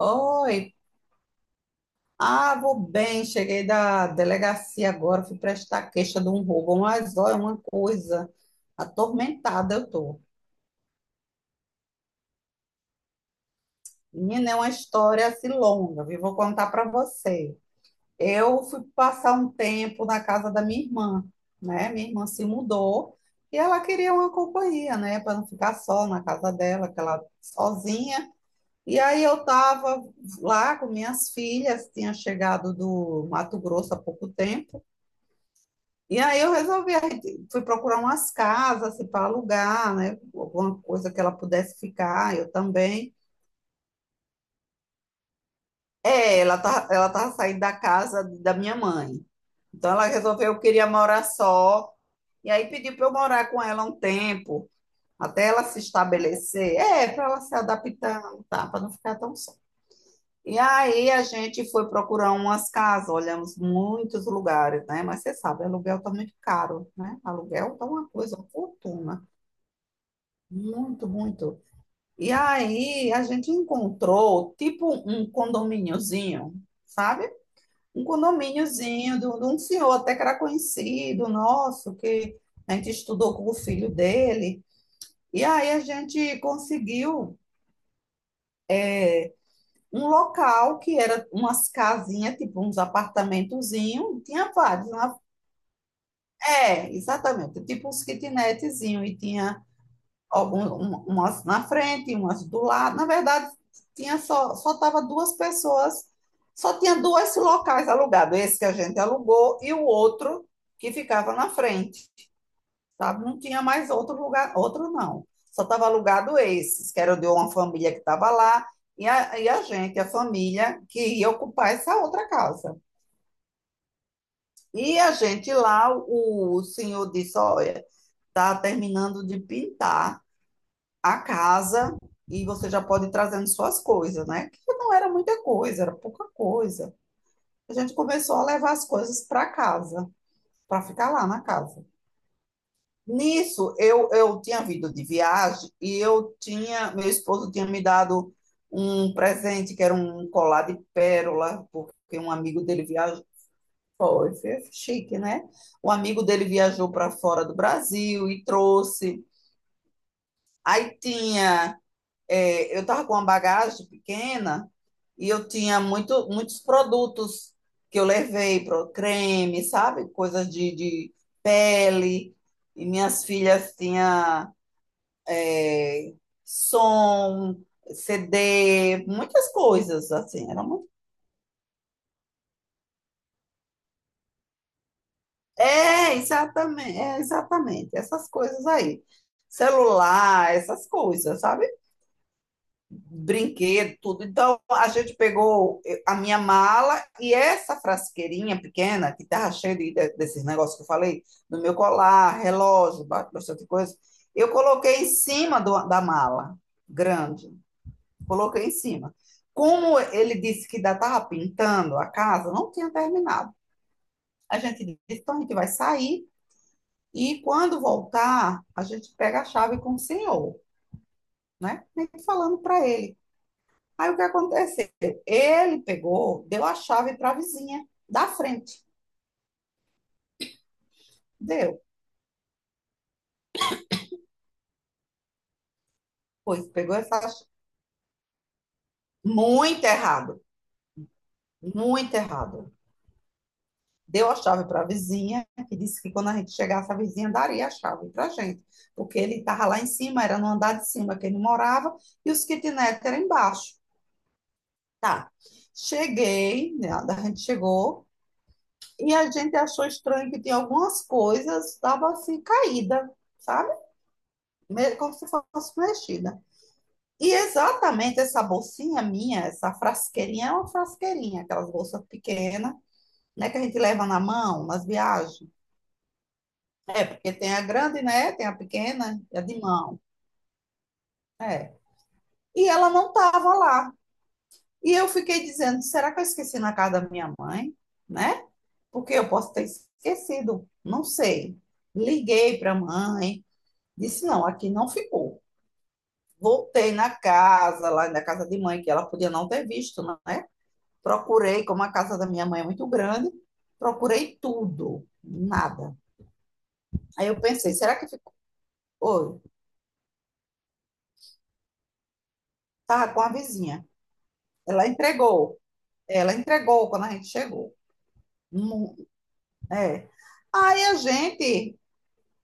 Oi, vou bem, cheguei da delegacia agora, fui prestar queixa de um roubo, mas olha, uma coisa, atormentada eu tô. Menina, é uma história assim longa, viu? Vou contar para você. Eu fui passar um tempo na casa da minha irmã, né? Minha irmã se mudou e ela queria uma companhia, né? Para não ficar só na casa dela, que ela sozinha. E aí eu estava lá com minhas filhas, tinha chegado do Mato Grosso há pouco tempo. E aí eu resolvi, aí fui procurar umas casas assim, para alugar, né? Alguma coisa que ela pudesse ficar, eu também. É, ela tava saindo da casa da minha mãe. Então ela resolveu que queria morar só. E aí pediu para eu morar com ela um tempo, até ela se estabelecer. É, para ela se adaptar, tá, para não ficar tão só. E aí a gente foi procurar umas casas, olhamos muitos lugares, né? Mas você sabe, aluguel tá muito caro, né? Aluguel tá uma coisa, uma fortuna. Muito, muito. E aí a gente encontrou tipo um condomíniozinho, sabe? Um condomíniozinho de um senhor até que era conhecido nosso, que a gente estudou com o filho dele. E aí a gente conseguiu um local que era umas casinhas, tipo uns apartamentozinhos, tinha vários. É, exatamente, tipo uns kitnetzinhos, e tinha umas na frente, umas do lado. Na verdade, tinha só tava duas pessoas, só tinha dois locais alugados, esse que a gente alugou e o outro que ficava na frente, sabe? Não tinha mais outro lugar, outro não. Só estava alugado esses, que era de uma família que estava lá e a gente, a família que ia ocupar essa outra casa. E a gente lá, o senhor disse, olha, está terminando de pintar a casa, e você já pode ir trazendo suas coisas, né? Que não era muita coisa, era pouca coisa. A gente começou a levar as coisas para casa, para ficar lá na casa. Nisso, eu tinha vindo de viagem e eu tinha, meu esposo tinha me dado um presente que era um colar de pérola, porque um amigo dele viajou, foi, foi chique, né? O amigo dele viajou para fora do Brasil e trouxe. Aí tinha eu estava com uma bagagem pequena e eu tinha muito, muitos produtos que eu levei, pro creme, sabe? Coisas de pele. E minhas filhas tinham é, som, CD, muitas coisas, assim. Era muito... É, exatamente, é, exatamente. Essas coisas aí. Celular, essas coisas, sabe? Brinquedo, tudo. Então, a gente pegou a minha mala e essa frasqueirinha pequena, que estava cheia desses negócios que eu falei, do meu colar, relógio, bastante coisa, eu coloquei em cima da mala, grande, coloquei em cima. Como ele disse que ainda estava pintando a casa, não tinha terminado. A gente disse, então a gente vai sair e quando voltar, a gente pega a chave com o senhor, né? E falando para ele. Aí o que aconteceu? Ele pegou, deu a chave para a vizinha da frente. Deu. Pois pegou essa chave. Muito errado. Muito errado. Deu a chave para a vizinha, que disse que quando a gente chegasse, a vizinha daria a chave para a gente. Porque ele estava lá em cima, era no andar de cima que ele morava, e os kitnet eram embaixo. Tá. Cheguei, né, a gente chegou, e a gente achou estranho que tinha algumas coisas, estava assim, caída, sabe? Como se fosse mexida. E exatamente essa bolsinha minha, essa frasqueirinha, é uma frasqueirinha, aquelas bolsas pequenas, né, que a gente leva na mão, nas viagens. É, porque tem a grande, né, tem a pequena, e a de mão. É. E ela não estava lá. E eu fiquei dizendo, será que eu esqueci na casa da minha mãe, né? Porque eu posso ter esquecido, não sei. Liguei para a mãe, disse, não, aqui não ficou. Voltei na casa, lá na casa de mãe, que ela podia não ter visto, né? Procurei, como a casa da minha mãe é muito grande, procurei tudo, nada. Aí eu pensei, será que ficou? Oi, tá com a vizinha. Ela entregou. Ela entregou quando a gente chegou. Mu- É. Aí a gente,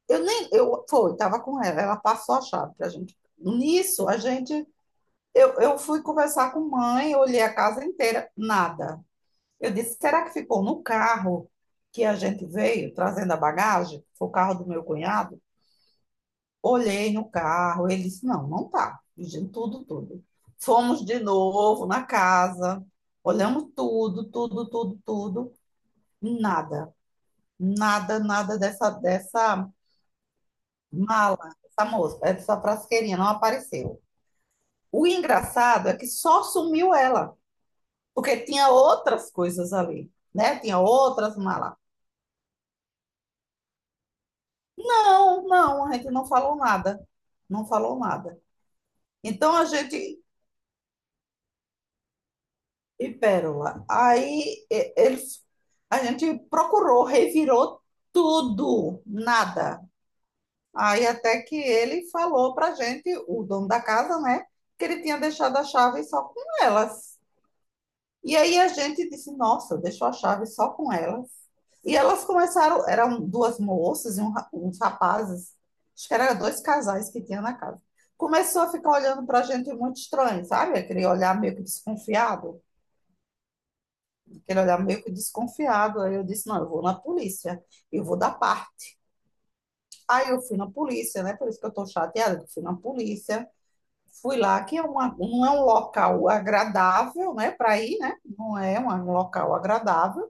eu nem, eu foi, tava com ela, ela passou a chave pra gente. Nisso, a gente, eu fui conversar com mãe, olhei a casa inteira, nada. Eu disse, será que ficou no carro que a gente veio trazendo a bagagem? Foi o carro do meu cunhado? Olhei no carro, ele disse: não, não tá. Pedindo tudo, tudo. Fomos de novo na casa, olhamos tudo, tudo, tudo, tudo. Nada, nada, nada dessa mala, dessa moça, dessa frasqueirinha, não apareceu. O engraçado é que só sumiu ela, porque tinha outras coisas ali, né? Tinha outras malas. Não, não, a gente não falou nada, não falou nada. Então a gente e Pérola. Ele, a gente procurou, revirou tudo, nada. Aí até que ele falou pra gente, o dono da casa, né, que ele tinha deixado a chave só com elas. E aí a gente disse, nossa, deixou a chave só com elas. E elas começaram, eram duas moças e uns rapazes, acho que eram dois casais que tinha na casa. Começou a ficar olhando pra gente muito estranho, sabe? Aquele olhar meio que desconfiado. Aquele olhar meio que desconfiado. Aí eu disse, não, eu vou na polícia, eu vou dar parte. Aí eu fui na polícia, né? Por isso que eu tô chateada, eu fui na polícia. Fui lá, que é uma, não é um local agradável, né, para ir, né? Não é um local agradável.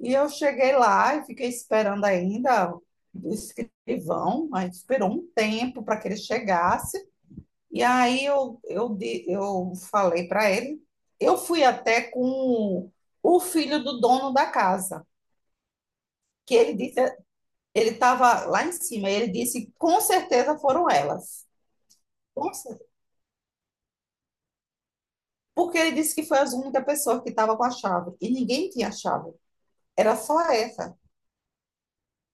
E eu cheguei lá e fiquei esperando ainda o escrivão, a gente esperou um tempo para que ele chegasse. E aí eu falei para ele, eu fui até com o filho do dono da casa. Que ele disse, ele estava lá em cima, e ele disse, com certeza foram elas. Com cer- Porque ele disse que foi a única pessoa que estava com a chave, e ninguém tinha a chave, era só essa.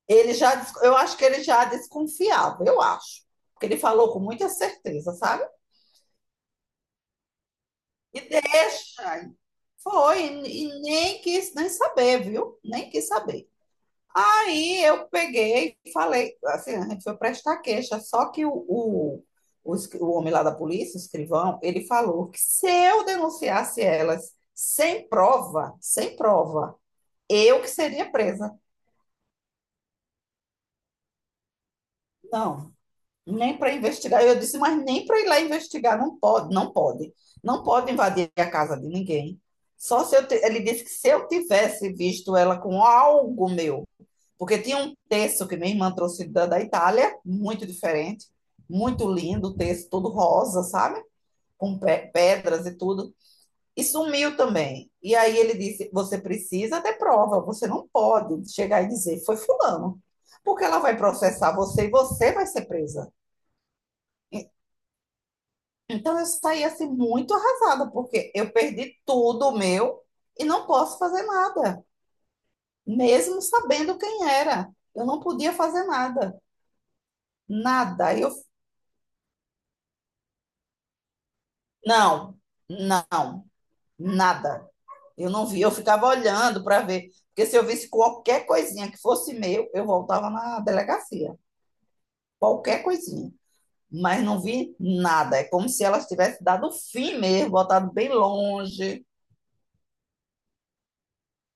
Eu acho que ele já desconfiava, eu acho, porque ele falou com muita certeza, sabe? E deixa, foi, e nem quis nem saber, viu? Nem quis saber. Aí eu peguei e falei, assim, a gente foi prestar queixa, só que o homem lá da polícia, o escrivão, ele falou que se eu denunciasse elas sem prova, sem prova, eu que seria presa. Não, nem para investigar. Eu disse, mas nem para ir lá investigar, não pode, não pode. Não pode invadir a casa de ninguém. Só se ele disse que se eu tivesse visto ela com algo meu. Porque tinha um texto que minha irmã trouxe da Itália, muito diferente, muito lindo, o texto todo rosa, sabe? Com pedras e tudo. E sumiu também. E aí ele disse: você precisa ter prova, você não pode chegar e dizer, foi fulano. Porque ela vai processar você e você vai ser presa. E- Então eu saí assim muito arrasada, porque eu perdi tudo meu e não posso fazer nada, mesmo sabendo quem era. Eu não podia fazer nada, nada. Eu não, não, nada. Eu não vi, eu ficava olhando para ver, porque se eu visse qualquer coisinha que fosse meu, eu voltava na delegacia, qualquer coisinha. Mas não vi nada. É como se elas tivessem dado fim mesmo, botado bem longe.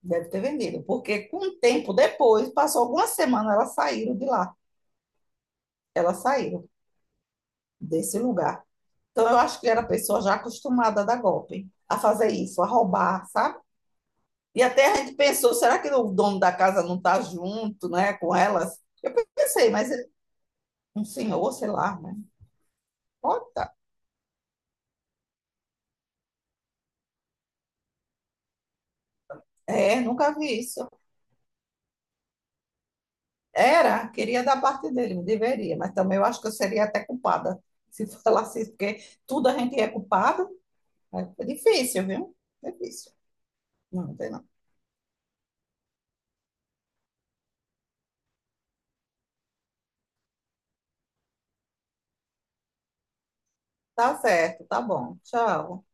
Deve ter vendido, porque com um tempo depois, passou algumas semanas, elas saíram de lá, elas saíram desse lugar. Então eu acho que era pessoa já acostumada a dar golpe, a fazer isso, a roubar, sabe? E até a gente pensou, será que o dono da casa não está junto, né, com elas? Eu pensei, mas ele- um senhor, sei lá, né? Bota. É, nunca vi isso. Era, queria dar parte dele, me deveria, mas também eu acho que eu seria até culpada se falasse isso, porque tudo a gente é culpado. É difícil, viu? É difícil. Não, não tem não. Tá certo, tá bom. Tchau.